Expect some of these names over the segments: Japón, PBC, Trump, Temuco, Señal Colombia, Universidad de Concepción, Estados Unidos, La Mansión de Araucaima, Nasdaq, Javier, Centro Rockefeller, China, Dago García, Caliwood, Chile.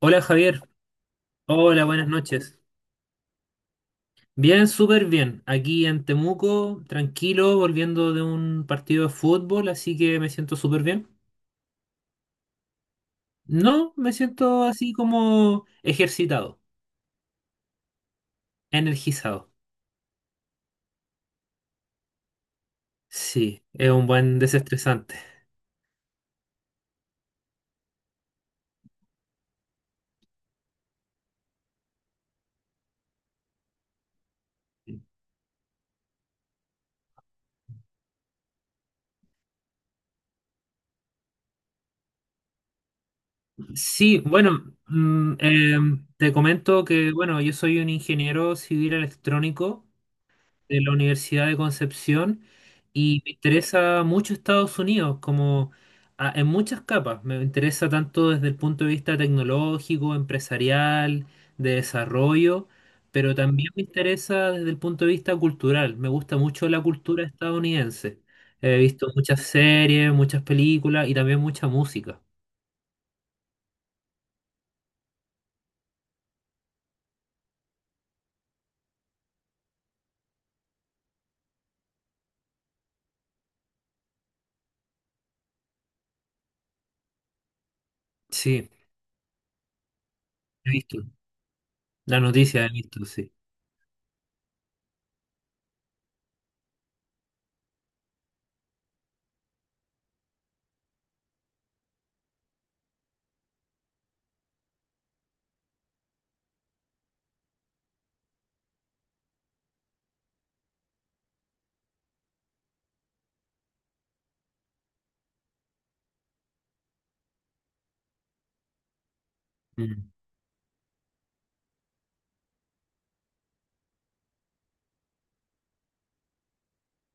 Hola Javier, hola, buenas noches. Bien, súper bien. Aquí en Temuco, tranquilo, volviendo de un partido de fútbol, así que me siento súper bien. No, me siento así como ejercitado, energizado. Sí, es un buen desestresante. Sí, bueno, te comento que, bueno, yo soy un ingeniero civil electrónico de la Universidad de Concepción y me interesa mucho Estados Unidos, como en muchas capas. Me interesa tanto desde el punto de vista tecnológico, empresarial, de desarrollo, pero también me interesa desde el punto de vista cultural. Me gusta mucho la cultura estadounidense. He visto muchas series, muchas películas y también mucha música. Sí, he visto. La noticia he visto, sí. Mm,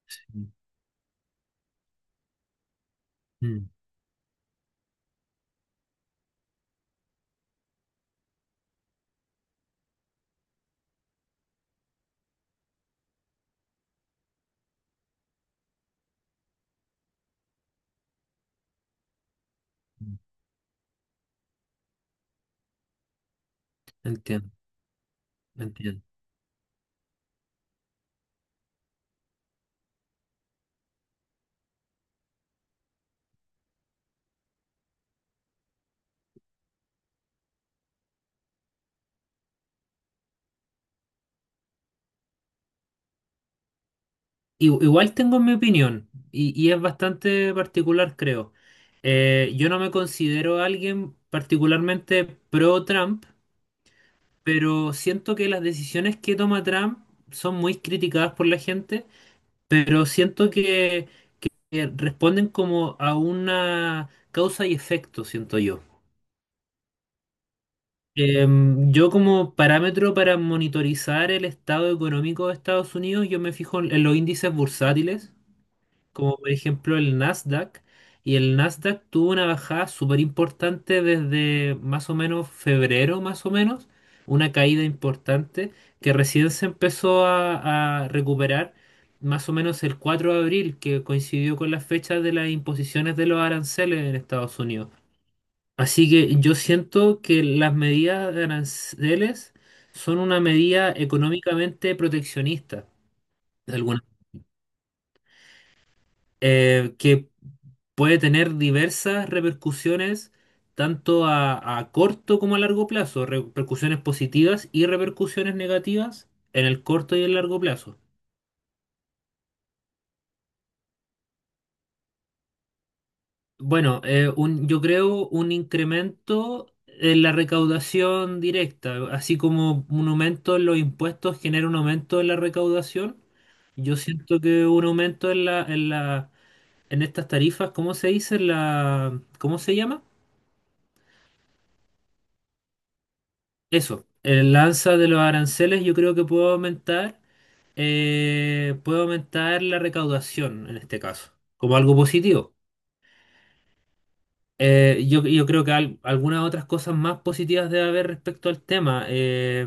sí. Mm, mm. Entiendo, entiendo. Igual tengo mi opinión y es bastante particular, creo. Yo no me considero alguien particularmente pro Trump, pero siento que las decisiones que toma Trump son muy criticadas por la gente, pero siento que responden como a una causa y efecto, siento yo. Yo como parámetro para monitorizar el estado económico de Estados Unidos, yo me fijo en los índices bursátiles como por ejemplo el Nasdaq, y el Nasdaq tuvo una bajada súper importante desde más o menos febrero, más o menos, una caída importante que recién se empezó a recuperar más o menos el 4 de abril, que coincidió con la fecha de las imposiciones de los aranceles en Estados Unidos. Así que yo siento que las medidas de aranceles son una medida económicamente proteccionista, de alguna que puede tener diversas repercusiones, tanto a corto como a largo plazo, repercusiones positivas y repercusiones negativas en el corto y el largo plazo. Bueno, yo creo un incremento en la recaudación directa, así como un aumento en los impuestos genera un aumento en la recaudación. Yo siento que un aumento en estas tarifas, ¿cómo se dice? La, ¿cómo se llama? Eso, el alza de los aranceles yo creo que puede aumentar la recaudación en este caso, como algo positivo. Yo creo que algunas otras cosas más positivas debe haber respecto al tema.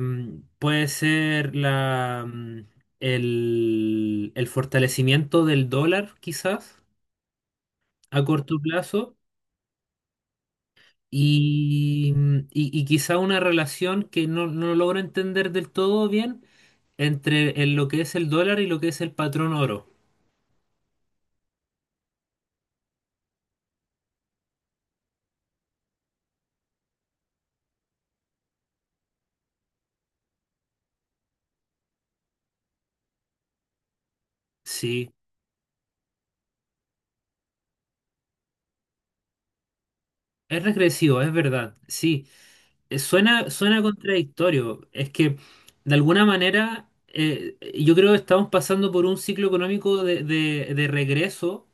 Puede ser el fortalecimiento del dólar, quizás, a corto plazo, y quizá una relación que no logro entender del todo bien entre en lo que es el dólar y lo que es el patrón oro. Sí, es regresivo, es verdad. Sí, suena contradictorio. Es que de alguna manera yo creo que estamos pasando por un ciclo económico de regreso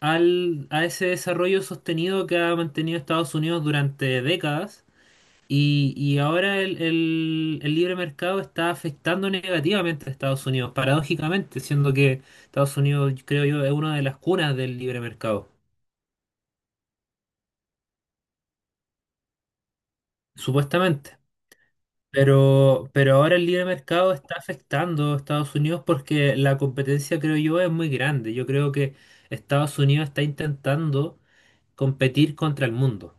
a ese desarrollo sostenido que ha mantenido Estados Unidos durante décadas. Y ahora el libre mercado está afectando negativamente a Estados Unidos, paradójicamente, siendo que Estados Unidos, creo yo, es una de las cunas del libre mercado, supuestamente. Pero ahora el libre mercado está afectando a Estados Unidos porque la competencia, creo yo, es muy grande. Yo creo que Estados Unidos está intentando competir contra el mundo.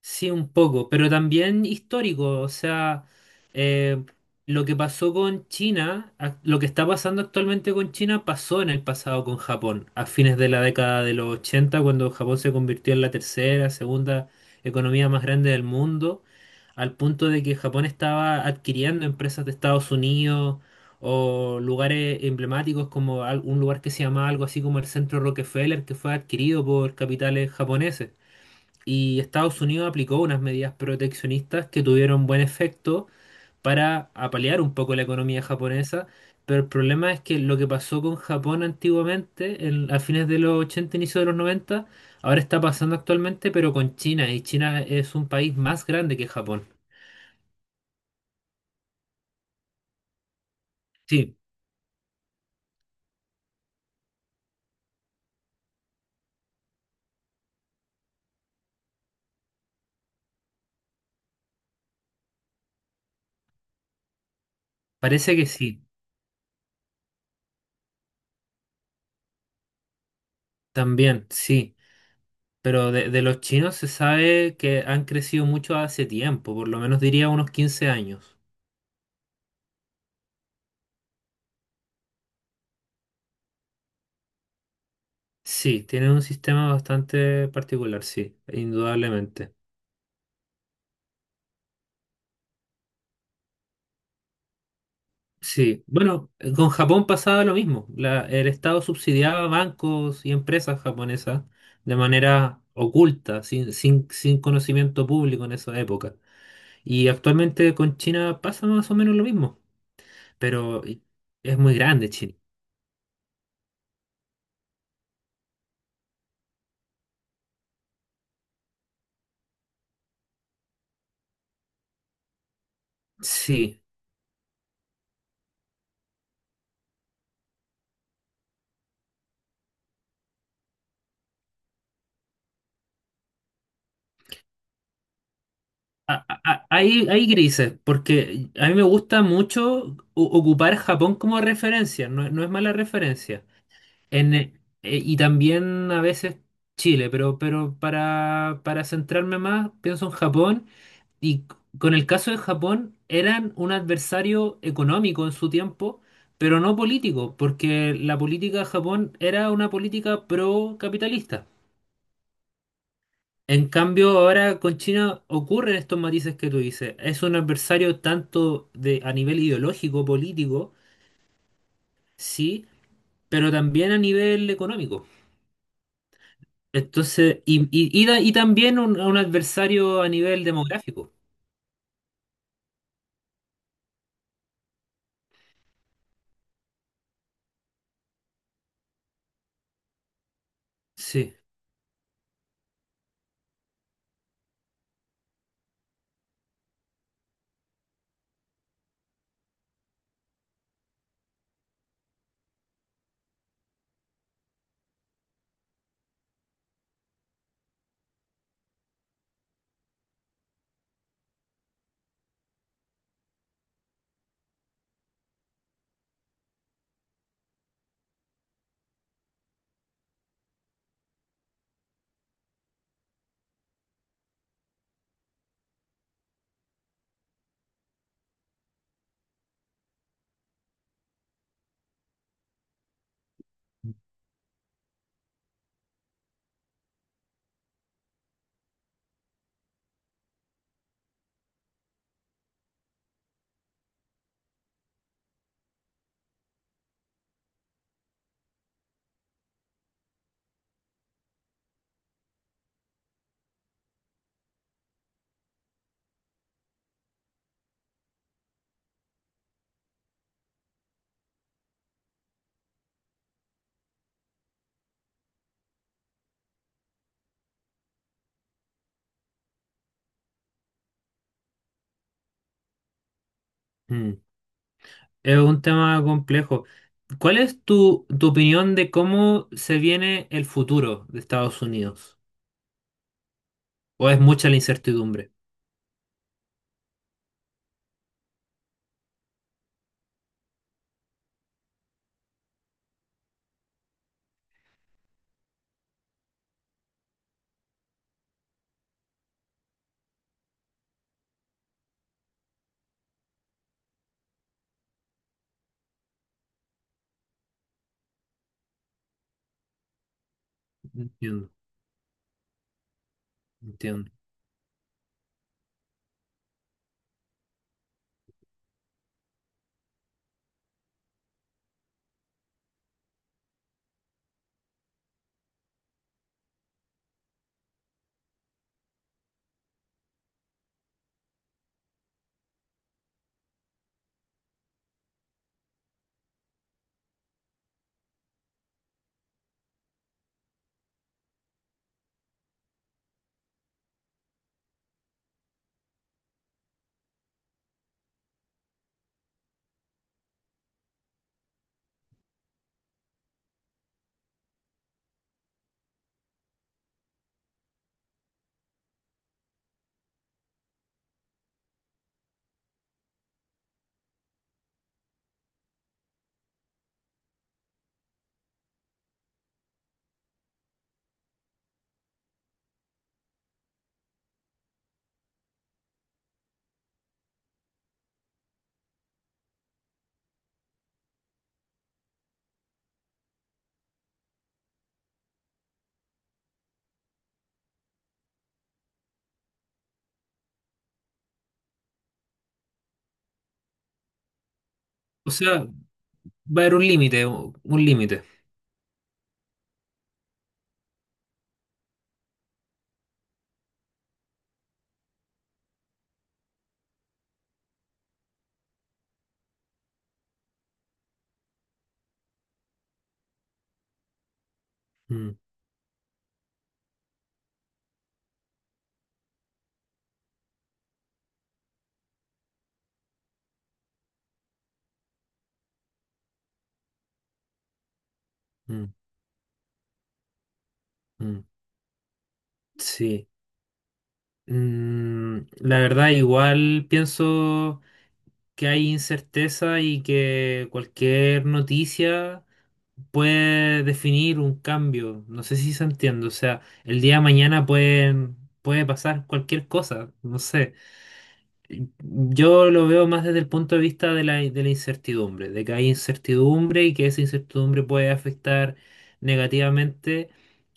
Sí, un poco, pero también histórico, o sea, eh, lo que pasó con China, lo que está pasando actualmente con China pasó en el pasado con Japón, a fines de la década de los 80, cuando Japón se convirtió en la tercera, segunda economía más grande del mundo, al punto de que Japón estaba adquiriendo empresas de Estados Unidos o lugares emblemáticos como un lugar que se llamaba algo así como el Centro Rockefeller, que fue adquirido por capitales japoneses y Estados Unidos aplicó unas medidas proteccionistas que tuvieron buen efecto para apalear un poco la economía japonesa, pero el problema es que lo que pasó con Japón antiguamente, a fines de los 80, inicio de los 90, ahora está pasando actualmente, pero con China, y China es un país más grande que Japón. Sí, parece que sí, también, sí. Pero de los chinos se sabe que han crecido mucho hace tiempo, por lo menos diría unos 15 años. Sí, tiene un sistema bastante particular, sí, indudablemente. Sí, bueno, con Japón pasaba lo mismo. El Estado subsidiaba bancos y empresas japonesas de manera oculta, sin conocimiento público en esa época. Y actualmente con China pasa más o menos lo mismo, pero es muy grande China. Sí, hay grises, porque a mí me gusta mucho ocupar Japón como referencia, no es mala referencia. En, eh, y también a veces Chile, pero, para centrarme más, pienso en Japón. Y con el caso de Japón, eran un adversario económico en su tiempo, pero no político, porque la política de Japón era una política pro-capitalista. En cambio, ahora con China ocurren estos matices que tú dices. Es un adversario tanto a nivel ideológico, político, sí, pero también a nivel económico. Entonces, y también un adversario a nivel demográfico. Sí. Mm. Es un tema complejo. ¿Cuál es tu opinión de cómo se viene el futuro de Estados Unidos? ¿O es mucha la incertidumbre? Entiendo, entiendo. O sea, va a haber un límite, un límite. Mm, mm, mm. Sí. Mm, la verdad, igual pienso que hay incerteza y que cualquier noticia puede definir un cambio. No sé si se entiende. O sea, el día de mañana puede pasar cualquier cosa. No sé. Yo lo veo más desde el punto de vista de la incertidumbre, de que hay incertidumbre y que esa incertidumbre puede afectar negativamente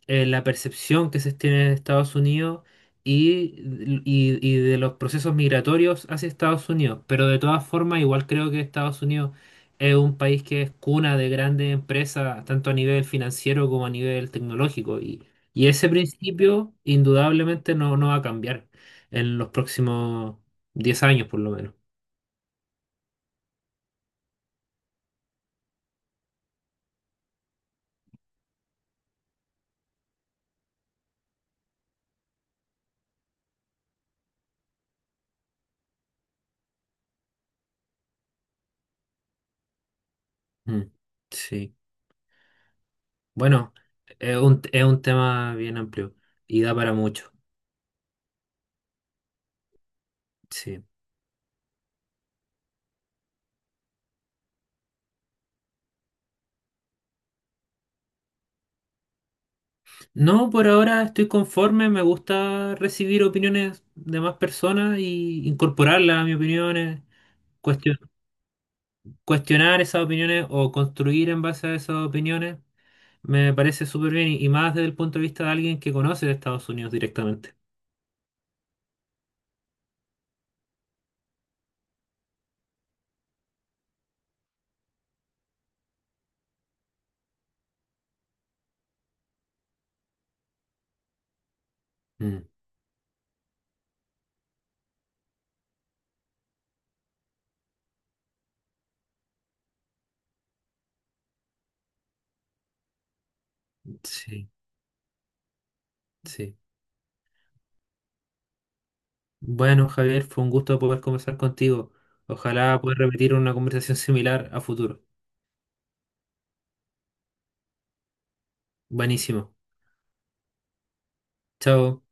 la percepción que se tiene de Estados Unidos y, y de los procesos migratorios hacia Estados Unidos. Pero de todas formas, igual creo que Estados Unidos es un país que es cuna de grandes empresas, tanto a nivel financiero como a nivel tecnológico. Y ese principio indudablemente no va a cambiar en los próximos 10 años por lo menos. Mm, sí. Bueno, es un tema bien amplio y da para mucho. Sí. No, por ahora estoy conforme. Me gusta recibir opiniones de más personas y incorporarlas a mis opiniones, cuestio- cuestionar esas opiniones o construir en base a esas opiniones. Me parece súper bien y más desde el punto de vista de alguien que conoce de Estados Unidos directamente. Mm, sí, sí. Bueno, Javier, fue un gusto poder conversar contigo. Ojalá pueda repetir una conversación similar a futuro. Buenísimo. Chao.